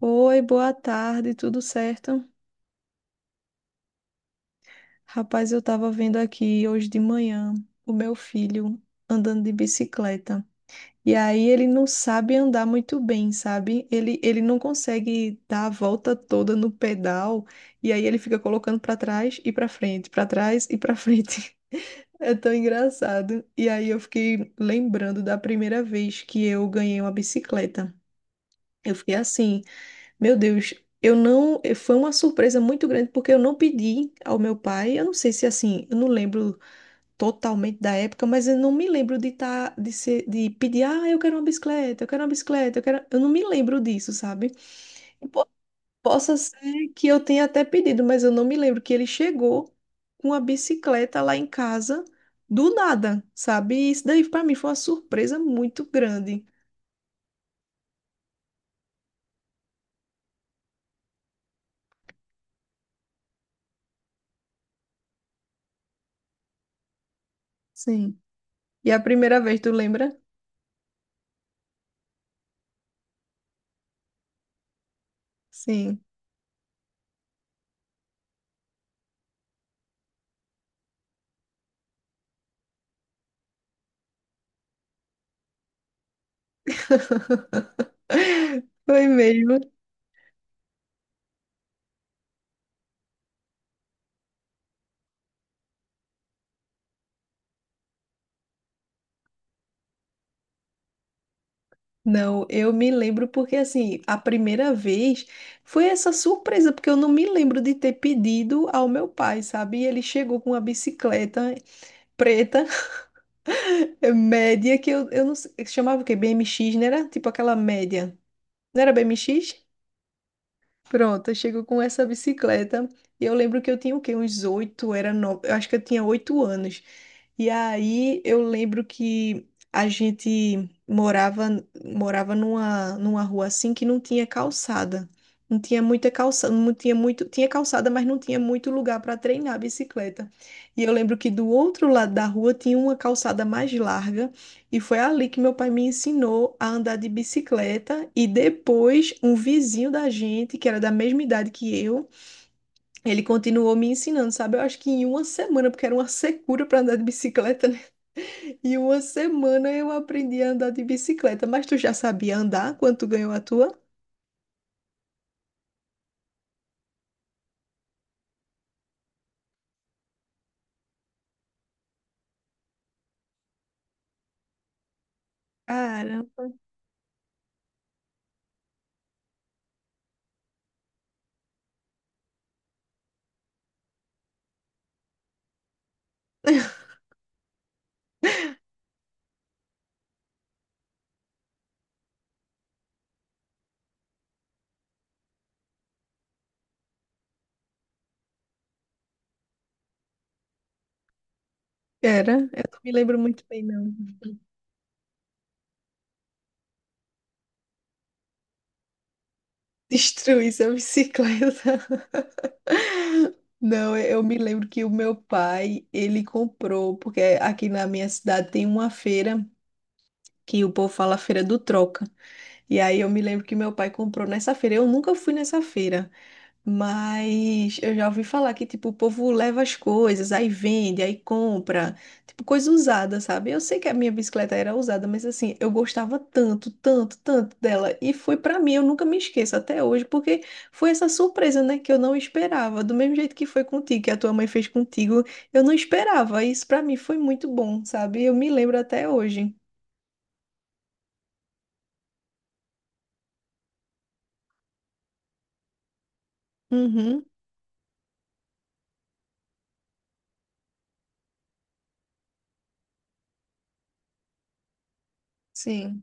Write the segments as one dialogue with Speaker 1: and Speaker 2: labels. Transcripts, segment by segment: Speaker 1: Oi, boa tarde, tudo certo? Rapaz, eu tava vendo aqui hoje de manhã o meu filho andando de bicicleta. E aí ele não sabe andar muito bem, sabe? Ele não consegue dar a volta toda no pedal e aí ele fica colocando pra trás e pra frente, pra trás e pra frente. É tão engraçado. E aí eu fiquei lembrando da primeira vez que eu ganhei uma bicicleta. Eu fiquei assim, meu Deus, eu não. Foi uma surpresa muito grande, porque eu não pedi ao meu pai. Eu não sei se assim, eu não lembro totalmente da época, mas eu não me lembro de tá, de ser, de pedir, ah, eu quero uma bicicleta, eu quero uma bicicleta, eu quero. Eu não me lembro disso, sabe? E po- Possa ser que eu tenha até pedido, mas eu não me lembro que ele chegou com a bicicleta lá em casa do nada, sabe? E isso daí pra mim foi uma surpresa muito grande. Sim. E a primeira vez, tu lembra? Sim. Foi mesmo. Não, eu me lembro porque assim, a primeira vez foi essa surpresa, porque eu não me lembro de ter pedido ao meu pai, sabe? E ele chegou com uma bicicleta preta, média, que eu não sei, chamava o quê? BMX, não era? Tipo aquela média. Não era BMX? Pronto, eu chego com essa bicicleta. E eu lembro que eu tinha o quê? Uns oito, era nove, eu acho que eu tinha 8 anos. E aí eu lembro que a gente morava numa rua assim que não tinha calçada. Não tinha muita calçada, não tinha muito, tinha calçada, mas não tinha muito lugar para treinar a bicicleta. E eu lembro que do outro lado da rua tinha uma calçada mais larga e foi ali que meu pai me ensinou a andar de bicicleta. E depois, um vizinho da gente, que era da mesma idade que eu, ele continuou me ensinando, sabe? Eu acho que em uma semana, porque era uma secura para andar de bicicleta, né? Em uma semana eu aprendi a andar de bicicleta. Mas tu já sabia andar quando tu ganhou a tua? Cara, era. Eu não me lembro muito bem, não. Destruís a bicicleta. Não, eu me lembro que o meu pai, ele comprou, porque aqui na minha cidade tem uma feira que o povo fala Feira do Troca. E aí eu me lembro que meu pai comprou nessa feira. Eu nunca fui nessa feira. Mas eu já ouvi falar que, tipo, o povo leva as coisas, aí vende, aí compra, tipo, coisa usada, sabe? Eu sei que a minha bicicleta era usada, mas assim, eu gostava tanto, tanto, tanto dela. E foi pra mim, eu nunca me esqueço até hoje, porque foi essa surpresa, né, que eu não esperava. Do mesmo jeito que foi contigo, que a tua mãe fez contigo, eu não esperava. Isso pra mim foi muito bom, sabe? Eu me lembro até hoje. Uhum, sim.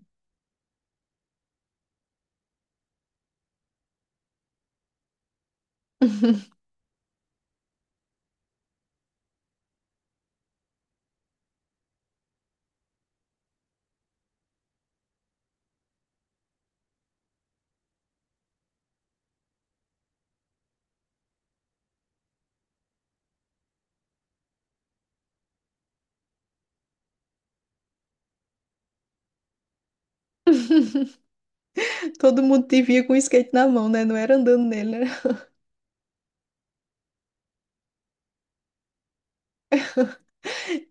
Speaker 1: Todo mundo te via com o skate na mão, né? Não era andando nele, né?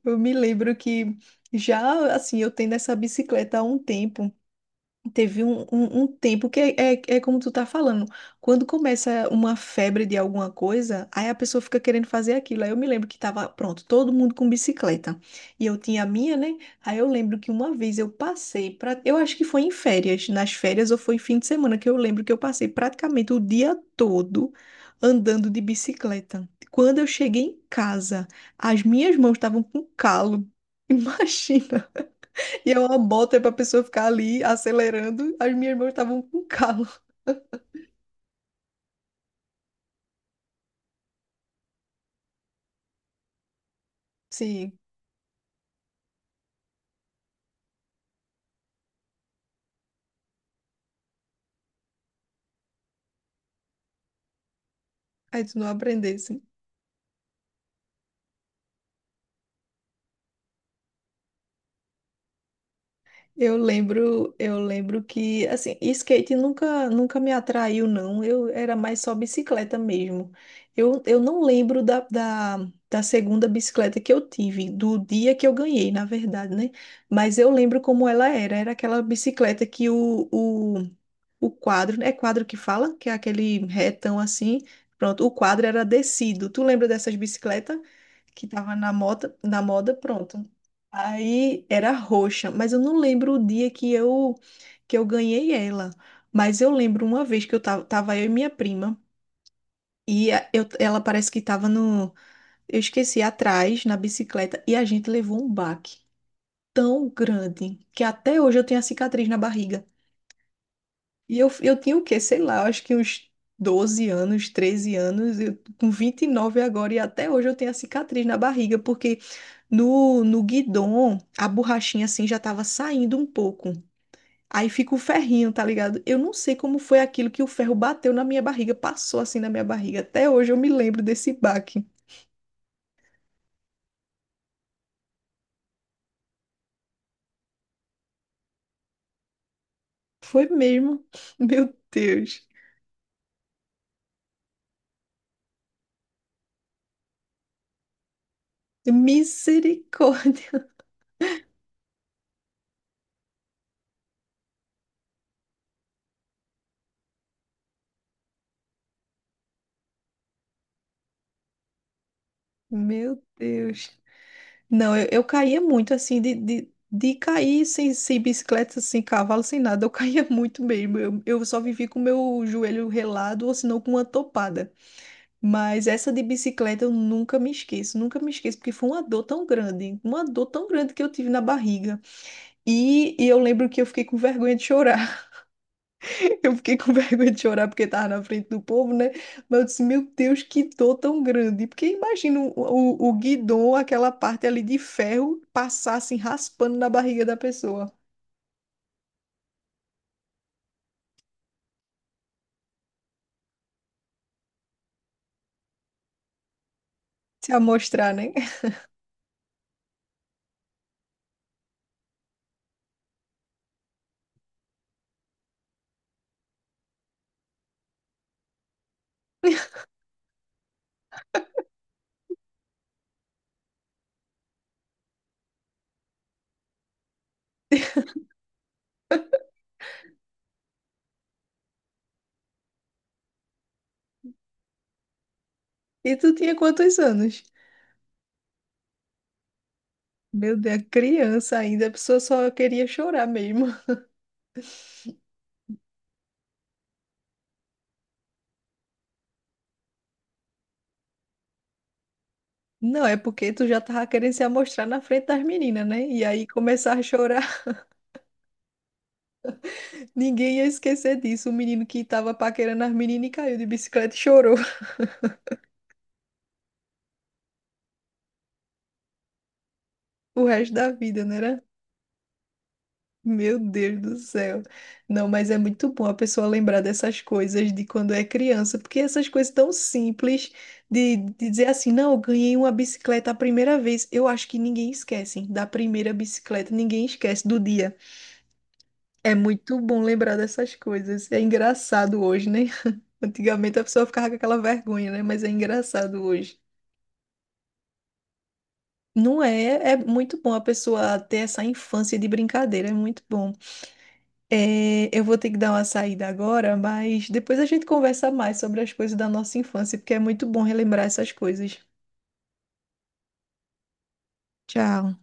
Speaker 1: Eu me lembro que já, assim, eu tenho essa bicicleta há um tempo. Teve um tempo que é como tu tá falando. Quando começa uma febre de alguma coisa, aí a pessoa fica querendo fazer aquilo. Aí eu me lembro que tava, pronto, todo mundo com bicicleta. E eu tinha a minha, né? Aí eu lembro que uma vez eu passei pra, eu acho que foi em férias, nas férias ou foi em fim de semana, que eu lembro que eu passei praticamente o dia todo andando de bicicleta. Quando eu cheguei em casa, as minhas mãos estavam com calo. Imagina. E eu uma bota pra pessoa ficar ali acelerando. As minhas irmãs estavam com calo. Sim, aí tu não aprendesse. Eu lembro que assim, skate nunca, nunca me atraiu, não. Eu era mais só bicicleta mesmo. Eu não lembro da segunda bicicleta que eu tive, do dia que eu ganhei, na verdade, né? Mas eu lembro como ela era. Era aquela bicicleta que O quadro, é quadro que fala, que é aquele retão assim. Pronto, o quadro era descido. Tu lembra dessas bicicletas que tava na moda, pronto. Aí era roxa, mas eu não lembro o dia que eu ganhei ela. Mas eu lembro uma vez que eu tava eu e minha prima e ela parece que tava no, eu esqueci atrás na bicicleta e a gente levou um baque tão grande que até hoje eu tenho a cicatriz na barriga. E eu tinha o quê? Sei lá, acho que uns 12 anos, 13 anos, eu, com 29 agora, e até hoje eu tenho a cicatriz na barriga, porque no guidon a borrachinha assim já tava saindo um pouco. Aí fica o ferrinho, tá ligado? Eu não sei como foi aquilo que o ferro bateu na minha barriga, passou assim na minha barriga. Até hoje eu me lembro desse baque. Foi mesmo? Meu Deus. Misericórdia. Meu Deus. Não, eu caía muito, assim, de cair sem bicicleta, sem cavalo, sem nada. Eu caía muito mesmo. Eu só vivi com meu joelho relado ou senão com uma topada. Mas essa de bicicleta eu nunca me esqueço, nunca me esqueço, porque foi uma dor tão grande, uma dor tão grande que eu tive na barriga. E eu lembro que eu fiquei com vergonha de chorar. Eu fiquei com vergonha de chorar porque estava na frente do povo, né? Mas eu disse, meu Deus, que dor tão grande. Porque imagina o guidão, aquela parte ali de ferro, passar assim, raspando na barriga da pessoa. Se amostrar, né? E tu tinha quantos anos? Meu Deus, é criança ainda, a pessoa só queria chorar mesmo. Não, é porque tu já tava querendo se amostrar na frente das meninas, né? E aí começar a chorar, ninguém ia esquecer disso. O menino que tava paquerando as meninas e caiu de bicicleta e chorou o resto da vida, né? Meu Deus do céu. Não, mas é muito bom a pessoa lembrar dessas coisas de quando é criança, porque essas coisas tão simples de dizer assim, não, eu ganhei uma bicicleta a primeira vez. Eu acho que ninguém esquece, hein, da primeira bicicleta, ninguém esquece do dia. É muito bom lembrar dessas coisas. É engraçado hoje, né? Antigamente a pessoa ficava com aquela vergonha, né? Mas é engraçado hoje. Não é? É muito bom a pessoa ter essa infância de brincadeira, é muito bom. É, eu vou ter que dar uma saída agora, mas depois a gente conversa mais sobre as coisas da nossa infância, porque é muito bom relembrar essas coisas. Tchau.